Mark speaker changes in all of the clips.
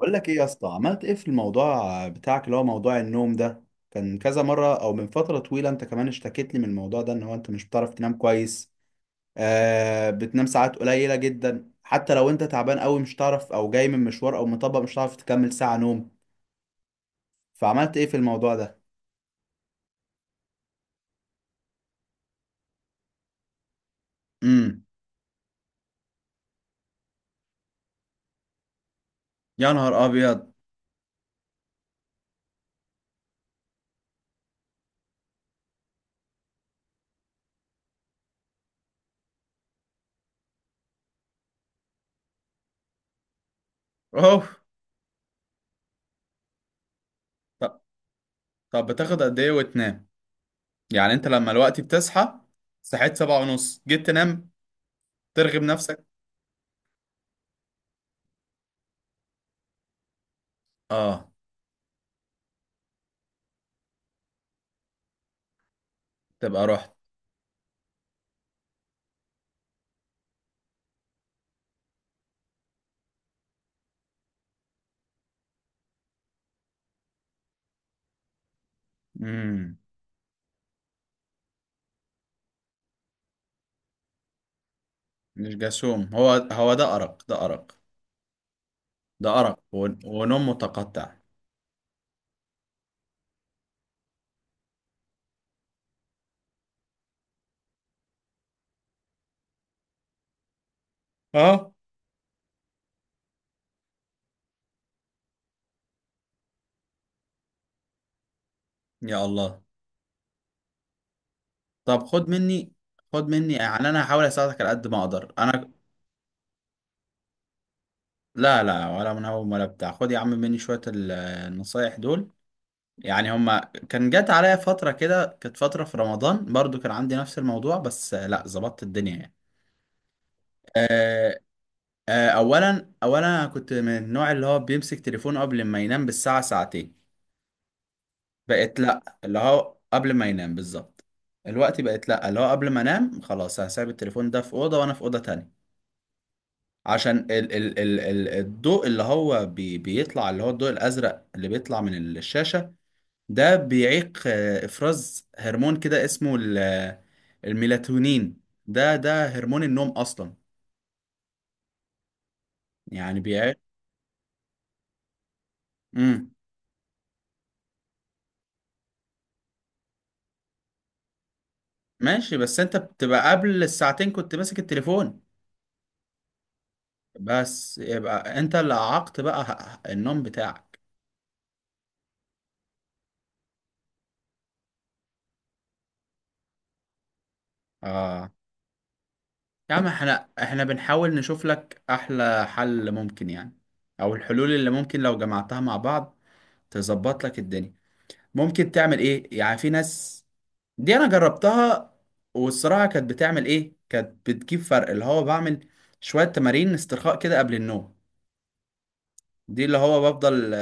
Speaker 1: بقول لك ايه يا اسطى؟ عملت ايه في الموضوع بتاعك اللي هو موضوع النوم ده؟ كان كذا مرة او من فترة طويلة انت كمان اشتكيت لي من الموضوع ده، ان هو انت مش بتعرف تنام كويس. آه، بتنام ساعات قليلة جدا، حتى لو انت تعبان قوي مش تعرف، او جاي من مشوار او مطبق مش هتعرف تكمل ساعة نوم. فعملت ايه في الموضوع ده؟ امم يا نهار ابيض. اوه. طب طب بتاخد قد ايه وتنام؟ يعني انت لما الوقت بتصحى؟ صحيت سبعة ونص جيت تنام، ترغب نفسك؟ اه. تبقى رحت. مم. مش جاسوم، هو ده أرق، ده أرق، ده أرق ونوم متقطع. اه. يا الله. طب خد مني. يعني أنا هحاول أساعدك على قد ما أقدر أنا. لا لا، ولا منهوم ولا بتاع، خد يا عم مني شوية النصايح دول. يعني هما كان جات عليا فترة كده، كانت فترة في رمضان برضو كان عندي نفس الموضوع، بس لا ظبطت الدنيا يعني. آه، آه، أولا أنا كنت من النوع اللي هو بيمسك تليفونه قبل ما ينام بالساعة ساعتين. بقت لا، اللي هو قبل ما ينام بالظبط الوقت، بقت لا اللي هو قبل ما انام خلاص هسيب التليفون ده في اوضه وانا في اوضه تانية. عشان ال الضوء اللي هو بيطلع، اللي هو الضوء الازرق اللي بيطلع من الشاشه، ده بيعيق افراز هرمون كده اسمه الميلاتونين. ده ده هرمون النوم اصلا. يعني بيعيق. امم ماشي، بس انت بتبقى قبل الساعتين كنت ماسك التليفون. بس يبقى انت اللي عاقت بقى النوم بتاعك. اه. يا عم احنا بنحاول نشوف لك احلى حل ممكن يعني، او الحلول اللي ممكن لو جمعتها مع بعض تظبط لك الدنيا. ممكن تعمل ايه؟ يعني في ناس دي انا جربتها، والصراحة كانت بتعمل ايه، كانت بتجيب فرق. اللي هو بعمل شوية تمارين استرخاء كده قبل النوم، دي اللي هو بفضل.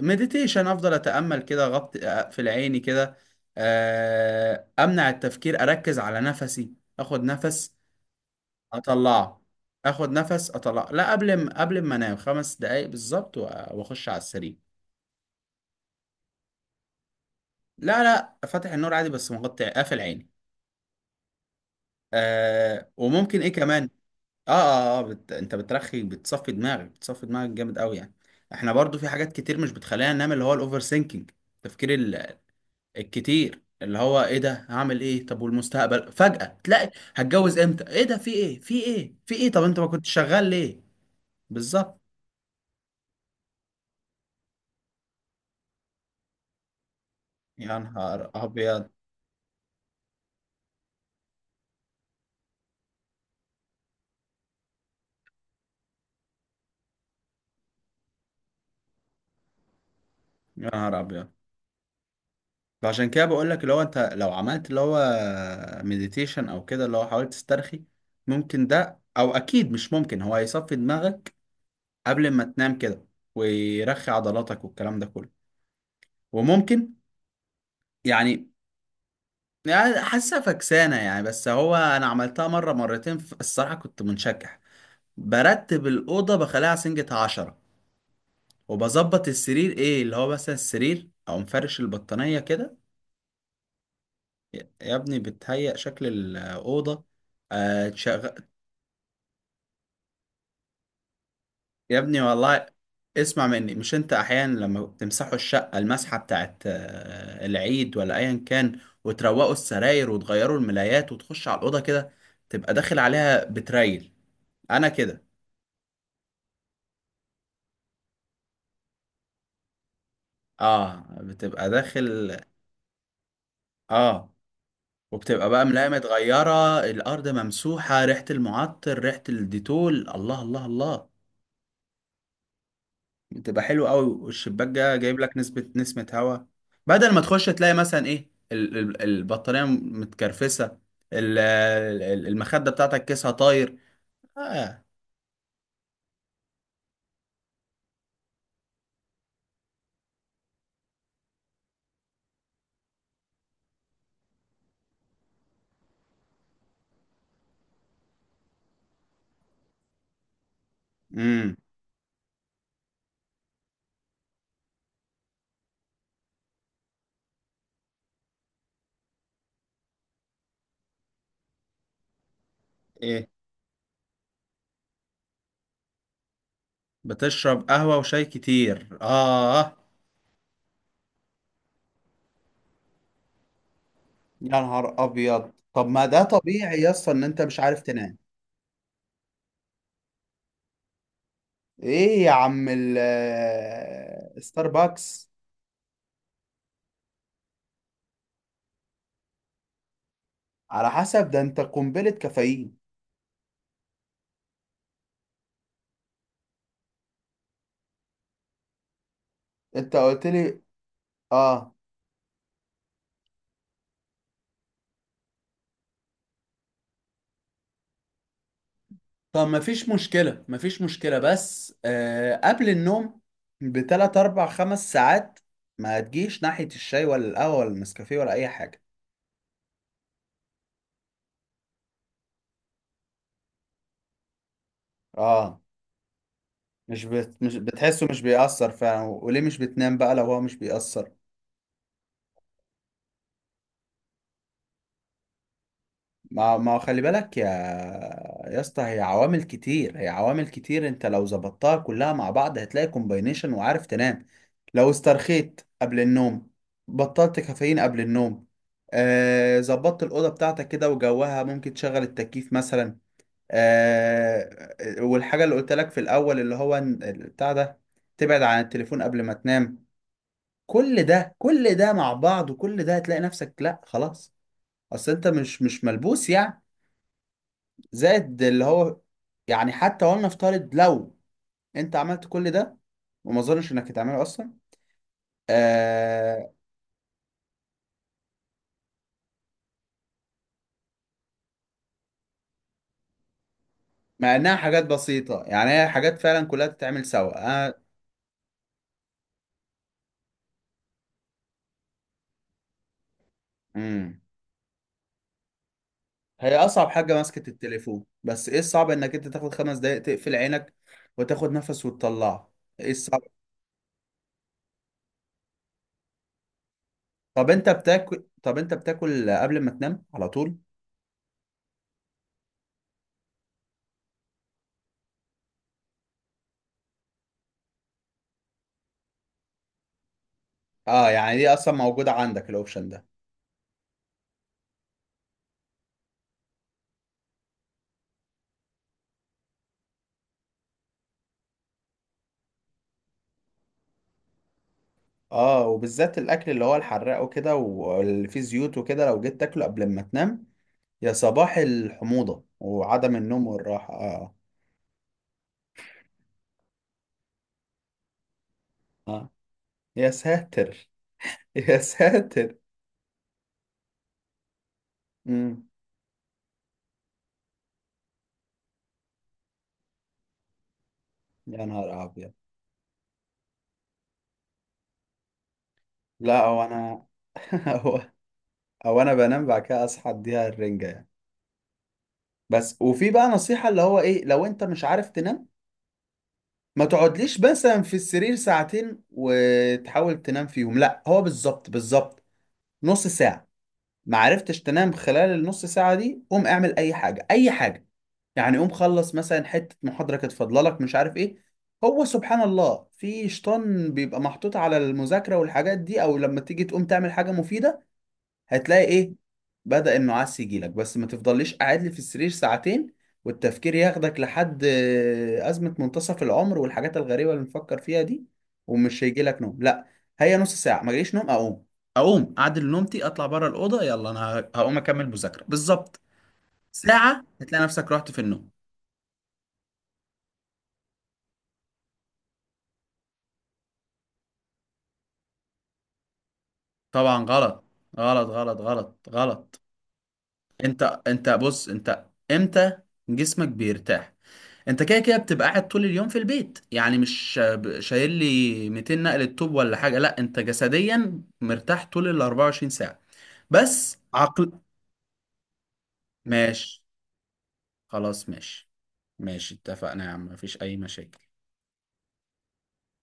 Speaker 1: مديتيشن، افضل اتأمل كده غط، اقفل عيني كده، امنع التفكير، اركز على نفسي، اخد نفس اطلعه، اخد نفس اطلع، لا قبل ما انام خمس دقايق بالظبط، واخش على السرير. لا لا، فاتح النور عادي، بس مغطي قافل عيني. آه وممكن ايه كمان. اه اه، انت بترخي، بتصفي دماغك، بتصفي دماغك جامد قوي يعني. احنا برضو في حاجات كتير مش بتخلينا ننام، اللي هو الاوفر سينكينج، التفكير الكتير، اللي هو ايه ده، هعمل ايه، طب والمستقبل، فجأة تلاقي هتجوز امتى، ايه ده، في ايه في ايه في ايه، طب انت ما كنت شغال ليه. بالظبط. يا نهار ابيض. يا نهار ابيض. فعشان كده بقول لك اللي هو انت لو عملت اللي هو مديتيشن او كده، اللي هو حاولت تسترخي، ممكن ده او اكيد مش ممكن، هو هيصفي دماغك قبل ما تنام كده، ويرخي عضلاتك والكلام ده كله. وممكن يعني يعني حاسه فكسانه يعني، بس هو انا عملتها مره مرتين الصراحه كنت منشكح. برتب الاوضه، بخليها سنجة عشرة، وبظبط السرير، ايه اللي هو مثلا السرير، او مفرش البطانيه كده. يا ابني بتهيأ شكل الأوضة. آه، تشغ- يا ابني والله اسمع مني، مش انت احيانا لما بتمسحوا الشقة المسحة بتاعت العيد ولا ايا كان، وتروقوا السراير وتغيروا الملايات وتخش على الأوضة كده، تبقى داخل عليها بتريل. انا كده. اه بتبقى داخل. اه وبتبقى بقى ملاية متغيرة، الأرض ممسوحة، ريحة المعطر، ريحة الديتول، الله الله الله، بتبقى حلوة قوي، والشباك ده جايب لك نسبة نسمة هواء، بدل ما تخش تلاقي مثلا ايه البطارية متكرفسة، المخدة بتاعتك كيسها طاير. اه. امم ايه. بتشرب قهوة وشاي كتير اه. يا نهار ابيض، طب ما ده طبيعي يا اسطى ان انت مش عارف تنام. ايه يا عم ستاربكس، على حسب ده انت قنبلة كافيين. انت قلت لي اه. طب مفيش مشكلة، مفيش مشكلة، بس آه قبل النوم بتلات أربع خمس ساعات ما تجيش ناحية الشاي ولا القهوة ولا النسكافيه ولا أي حاجة. اه. مش بتحسه مش بيأثر فعلا، وليه مش بتنام بقى لو هو مش بيأثر؟ ما خلي بالك يا يا اسطى، هي عوامل كتير هي عوامل كتير، انت لو ظبطتها كلها مع بعض هتلاقي كومباينيشن وعارف تنام. لو استرخيت قبل النوم، بطلت كافيين قبل النوم، آه ظبطت الأوضة بتاعتك كده وجوها، ممكن تشغل التكييف مثلا، آه، والحاجة اللي قلت لك في الأول، اللي هو إن- بتاع ده تبعد عن التليفون قبل ما تنام، كل ده كل ده مع بعض، وكل ده هتلاقي نفسك لا خلاص، اصل انت مش ملبوس يعني، زائد اللي هو، يعني حتى ولنفترض لو انت عملت كل ده، وما اظنش انك هتعمله اصلا آه، مع انها حاجات بسيطة، يعني هي حاجات فعلا كلها تتعمل سوا انا. امم هي اصعب حاجة ماسكة التليفون، بس ايه الصعب انك انت تاخد خمس دقايق تقفل عينك، وتاخد نفس وتطلعه؟ ايه الصعب؟ طب انت بتاكل، طب انت بتاكل قبل ما تنام على طول؟ اه، يعني دي اصلا موجودة عندك الاوبشن ده. اه، وبالذات الاكل اللي هو الحراق وكده، واللي فيه زيوت وكده، لو جيت تاكله قبل ما تنام، يا صباح الحموضة وعدم النوم والراحة. اه اه. يا ساتر. يا ساتر. امم يا نهار ابيض. لا هو انا. هو هو انا بنام بعد كده اصحى اديها الرنجة يعني. بس، وفي بقى نصيحة، اللي هو ايه، لو انت مش عارف تنام، ما تقعدليش مثلا في السرير ساعتين وتحاول تنام فيهم لا. هو بالظبط بالظبط، نص ساعة ما عرفتش تنام خلال النص ساعة دي، قوم اعمل أي حاجة، أي حاجة. يعني قوم خلص مثلا حتة محاضرة كانت فاضلة لك مش عارف إيه، هو سبحان الله في شيطان بيبقى محطوط على المذاكرة والحاجات دي، أو لما تيجي تقوم تعمل حاجة مفيدة هتلاقي ايه، بدأ النعاس يجيلك. بس ما تفضليش قاعد لي في السرير ساعتين، والتفكير ياخدك لحد أزمة منتصف العمر والحاجات الغريبة اللي نفكر فيها دي، ومش هيجيلك نوم لا. هي نص ساعة ما جاليش نوم، أقوم أعدل نومتي، أطلع بره الأوضة، يلا أنا هقوم أكمل مذاكرة بالظبط. ساعة هتلاقي نفسك رحت في النوم. طبعا غلط، غلط غلط غلط غلط. أنت بص أنت، إمتى جسمك بيرتاح؟ انت كده كده بتبقى قاعد طول اليوم في البيت، يعني مش شايل لي 200 نقلة طوب ولا حاجة، لا انت جسديا مرتاح طول ال 24 ساعة، بس عقل. ماشي، خلاص ماشي، ماشي اتفقنا يا عم، مفيش اي مشاكل.